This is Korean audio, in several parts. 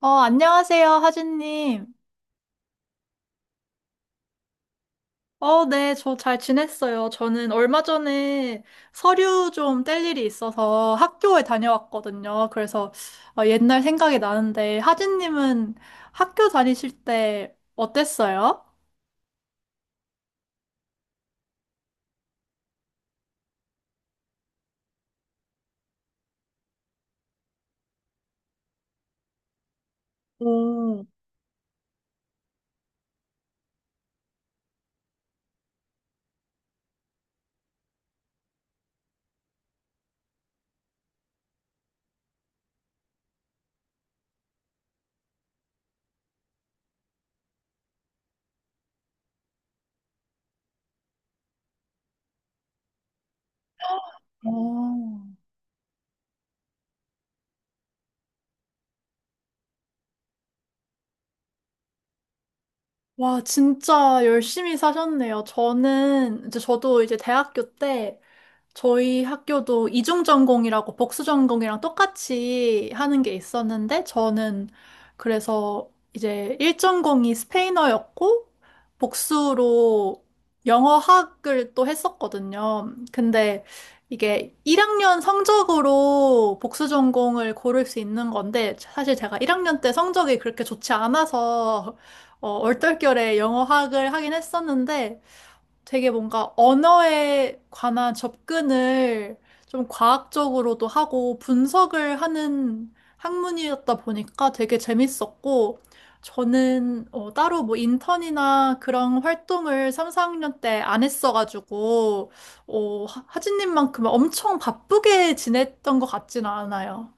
안녕하세요, 하진님. 네, 저 잘 지냈어요. 저는 얼마 전에 서류 좀 뗄 일이 있어서 학교에 다녀왔거든요. 그래서 옛날 생각이 나는데, 하진님은 학교 다니실 때 어땠어요? 오, 어, 와, 진짜 열심히 사셨네요. 저는, 이제 저도 이제 대학교 때 저희 학교도 이중 전공이라고 복수 전공이랑 똑같이 하는 게 있었는데 저는 그래서 이제 1전공이 스페인어였고 복수로 영어학을 또 했었거든요. 근데 이게 1학년 성적으로 복수 전공을 고를 수 있는 건데 사실 제가 1학년 때 성적이 그렇게 좋지 않아서 얼떨결에 영어학을 하긴 했었는데 되게 뭔가 언어에 관한 접근을 좀 과학적으로도 하고 분석을 하는 학문이었다 보니까 되게 재밌었고, 저는 따로 뭐 인턴이나 그런 활동을 3, 4학년 때 안 했어가지고, 하진님만큼 엄청 바쁘게 지냈던 것 같지는 않아요.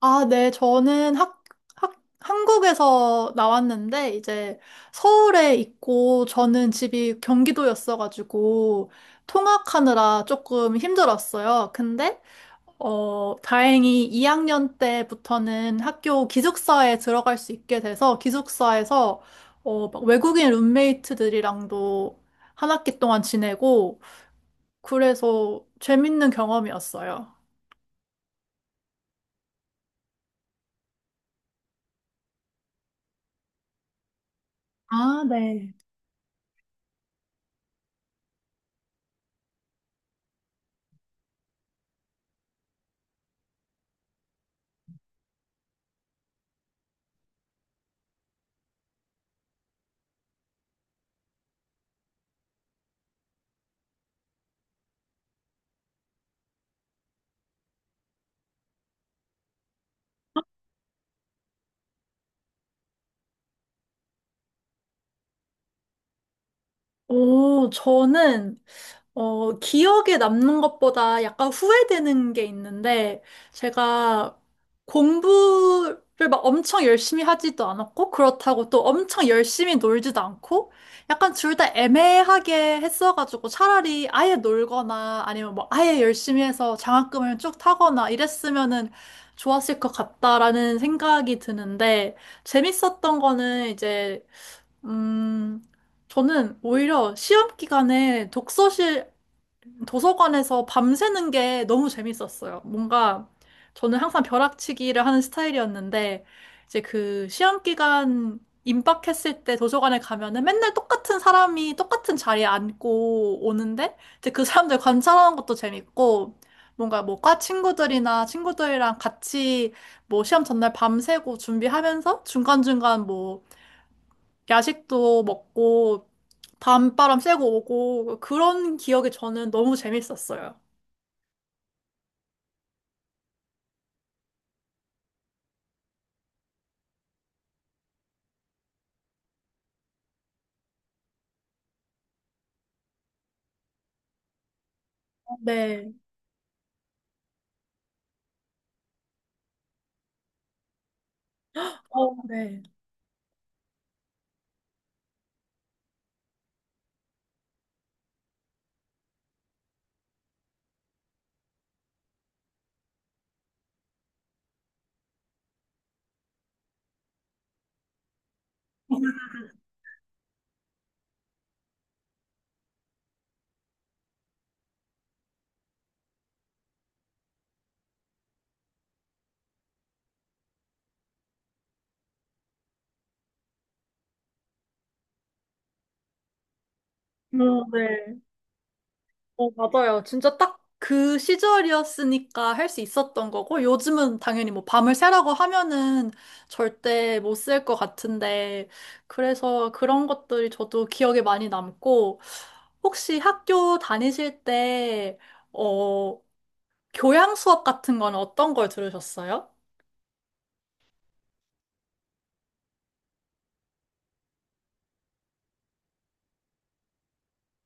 아, 네. 저는 학, 한국에서 나왔는데, 이제 서울에 있고, 저는 집이 경기도였어가지고, 통학하느라 조금 힘들었어요. 근데, 다행히 2학년 때부터는 학교 기숙사에 들어갈 수 있게 돼서, 기숙사에서, 막 외국인 룸메이트들이랑도 한 학기 동안 지내고, 그래서 재밌는 경험이었어요. 아, 네. 오, 저는 기억에 남는 것보다 약간 후회되는 게 있는데, 제가 공부를 막 엄청 열심히 하지도 않았고, 그렇다고 또 엄청 열심히 놀지도 않고, 약간 둘 다 애매하게 했어가지고, 차라리 아예 놀거나, 아니면 뭐 아예 열심히 해서 장학금을 쭉 타거나 이랬으면은 좋았을 것 같다라는 생각이 드는데, 재밌었던 거는 이제, 음, 저는 오히려 시험 기간에 독서실 도서관에서 밤새는 게 너무 재밌었어요. 뭔가 저는 항상 벼락치기를 하는 스타일이었는데 이제 그 시험 기간 임박했을 때 도서관에 가면은 맨날 똑같은 사람이 똑같은 자리에 앉고 오는데 이제 그 사람들 관찰하는 것도 재밌고 뭔가 뭐 과 친구들이나 친구들이랑 같이 뭐 시험 전날 밤새고 준비하면서 중간중간 뭐 야식도 먹고 밤바람 쐬고 오고 그런 기억이 저는 너무 재밌었어요. 네. 어, 네. 네. 어, 맞아요. 진짜 딱 그 시절이었으니까 할 수 있었던 거고 요즘은 당연히 뭐 밤을 새라고 하면은 절대 못 셀 것 같은데 그래서 그런 것들이 저도 기억에 많이 남고 혹시 학교 다니실 때 어, 교양 수업 같은 건 어떤 걸 들으셨어요?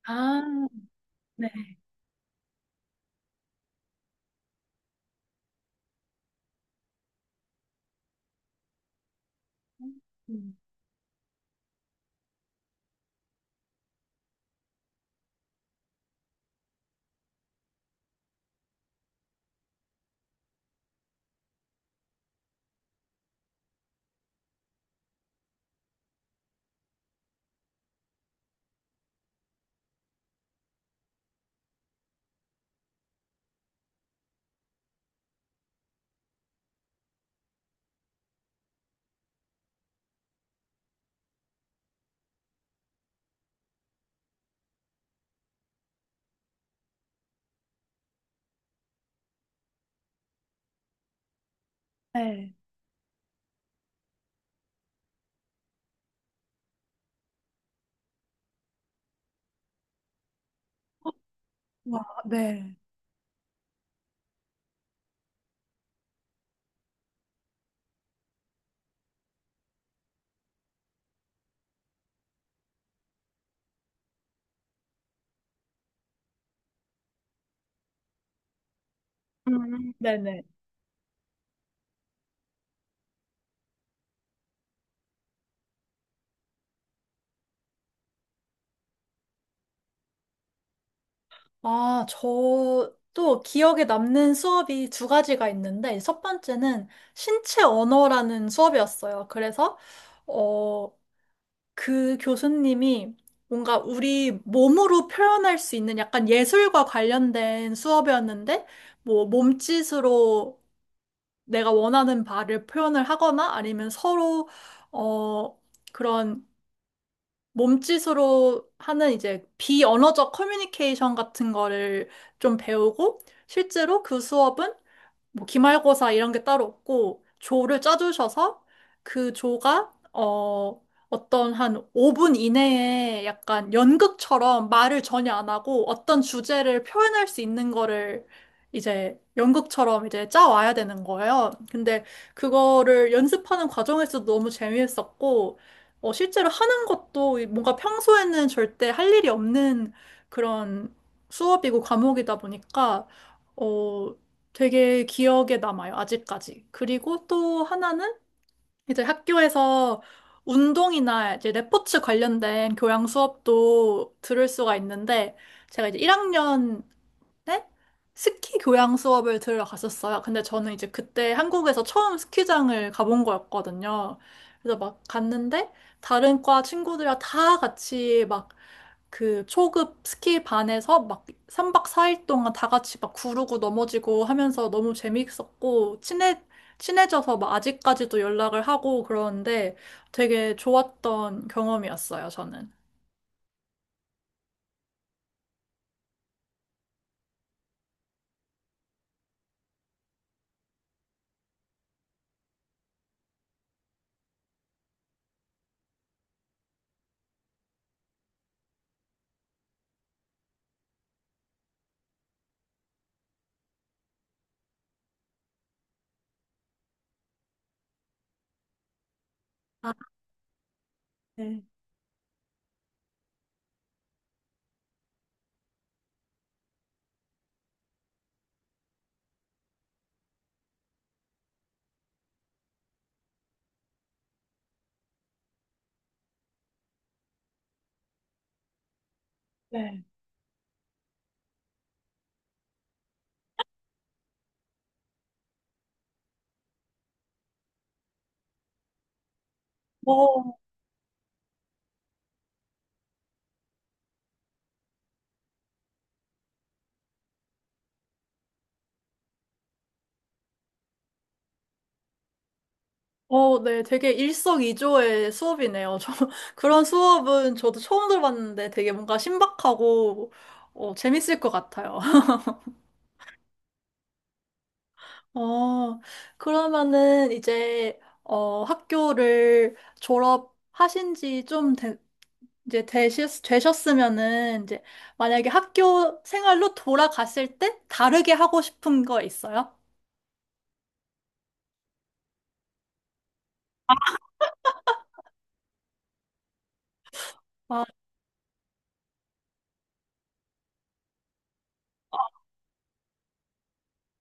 아, 네. 음. 네. 와, 네. 음. 네네. 아, 저도 기억에 남는 수업이 두 가지가 있는데, 첫 번째는 신체 언어라는 수업이었어요. 그래서, 어, 그 교수님이 뭔가 우리 몸으로 표현할 수 있는 약간 예술과 관련된 수업이었는데, 뭐, 몸짓으로 내가 원하는 바를 표현을 하거나 아니면 서로, 어, 그런 몸짓으로 하는 이제 비언어적 커뮤니케이션 같은 거를 좀 배우고 실제로 그 수업은 뭐 기말고사 이런 게 따로 없고 조를 짜주셔서 그 조가 어떤 한 5분 이내에 약간 연극처럼 말을 전혀 안 하고 어떤 주제를 표현할 수 있는 거를 이제 연극처럼 이제 짜와야 되는 거예요. 근데 그거를 연습하는 과정에서도 너무 재미있었고 실제로 하는 것도 뭔가 평소에는 절대 할 일이 없는 그런 수업이고 과목이다 보니까 어, 되게 기억에 남아요, 아직까지. 그리고 또 하나는 이제 학교에서 운동이나 이제 레포츠 관련된 교양 수업도 들을 수가 있는데, 제가 이제 1학년에 스키 교양 수업을 들으러 갔었어요. 근데 저는 이제 그때 한국에서 처음 스키장을 가본 거였거든요. 그래서 막 갔는데, 다른 과 친구들이랑 다 같이 막 그 초급 스키 반에서 막 3박 4일 동안 다 같이 막 구르고 넘어지고 하면서 너무 재밌었고 친해져서 막 아직까지도 연락을 하고 그러는데 되게 좋았던 경험이었어요, 저는. 네. 어, 네, 되게 일석이조의 수업이네요. 저 그런 수업은 저도 처음 들어봤는데 되게 뭔가 신박하고 재밌을 것 같아요. 어, 그러면은 이제, 학교를 졸업하신 지 좀 이제 되셨으면은 이제 만약에 학교 생활로 돌아갔을 때 다르게 하고 싶은 거 있어요? 아,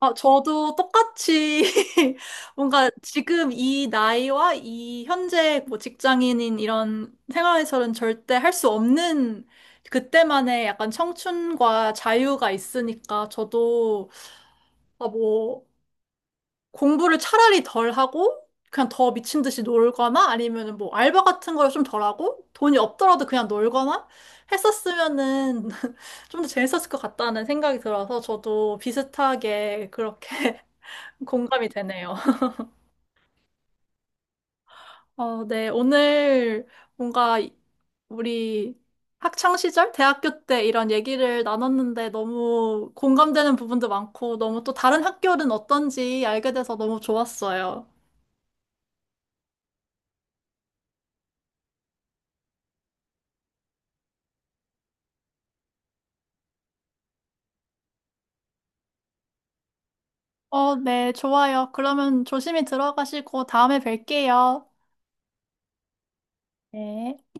아, 저도 똑같이 뭔가 지금 이 나이와 이 현재 뭐 직장인인 이런 생활에서는 절대 할 수 없는 그때만의 약간 청춘과 자유가 있으니까 저도 아, 뭐, 공부를 차라리 덜 하고, 그냥 더 미친 듯이 놀거나, 아니면은 뭐, 알바 같은 걸 좀 덜 하고, 돈이 없더라도 그냥 놀거나 했었으면은 좀 더 재밌었을 것 같다는 생각이 들어서 저도 비슷하게 그렇게 공감이 되네요. 어, 네. 오늘 뭔가 우리 학창 시절, 대학교 때 이런 얘기를 나눴는데 너무 공감되는 부분도 많고, 너무 또 다른 학교는 어떤지 알게 돼서 너무 좋았어요. 네, 좋아요. 그러면 조심히 들어가시고 다음에 뵐게요. 네.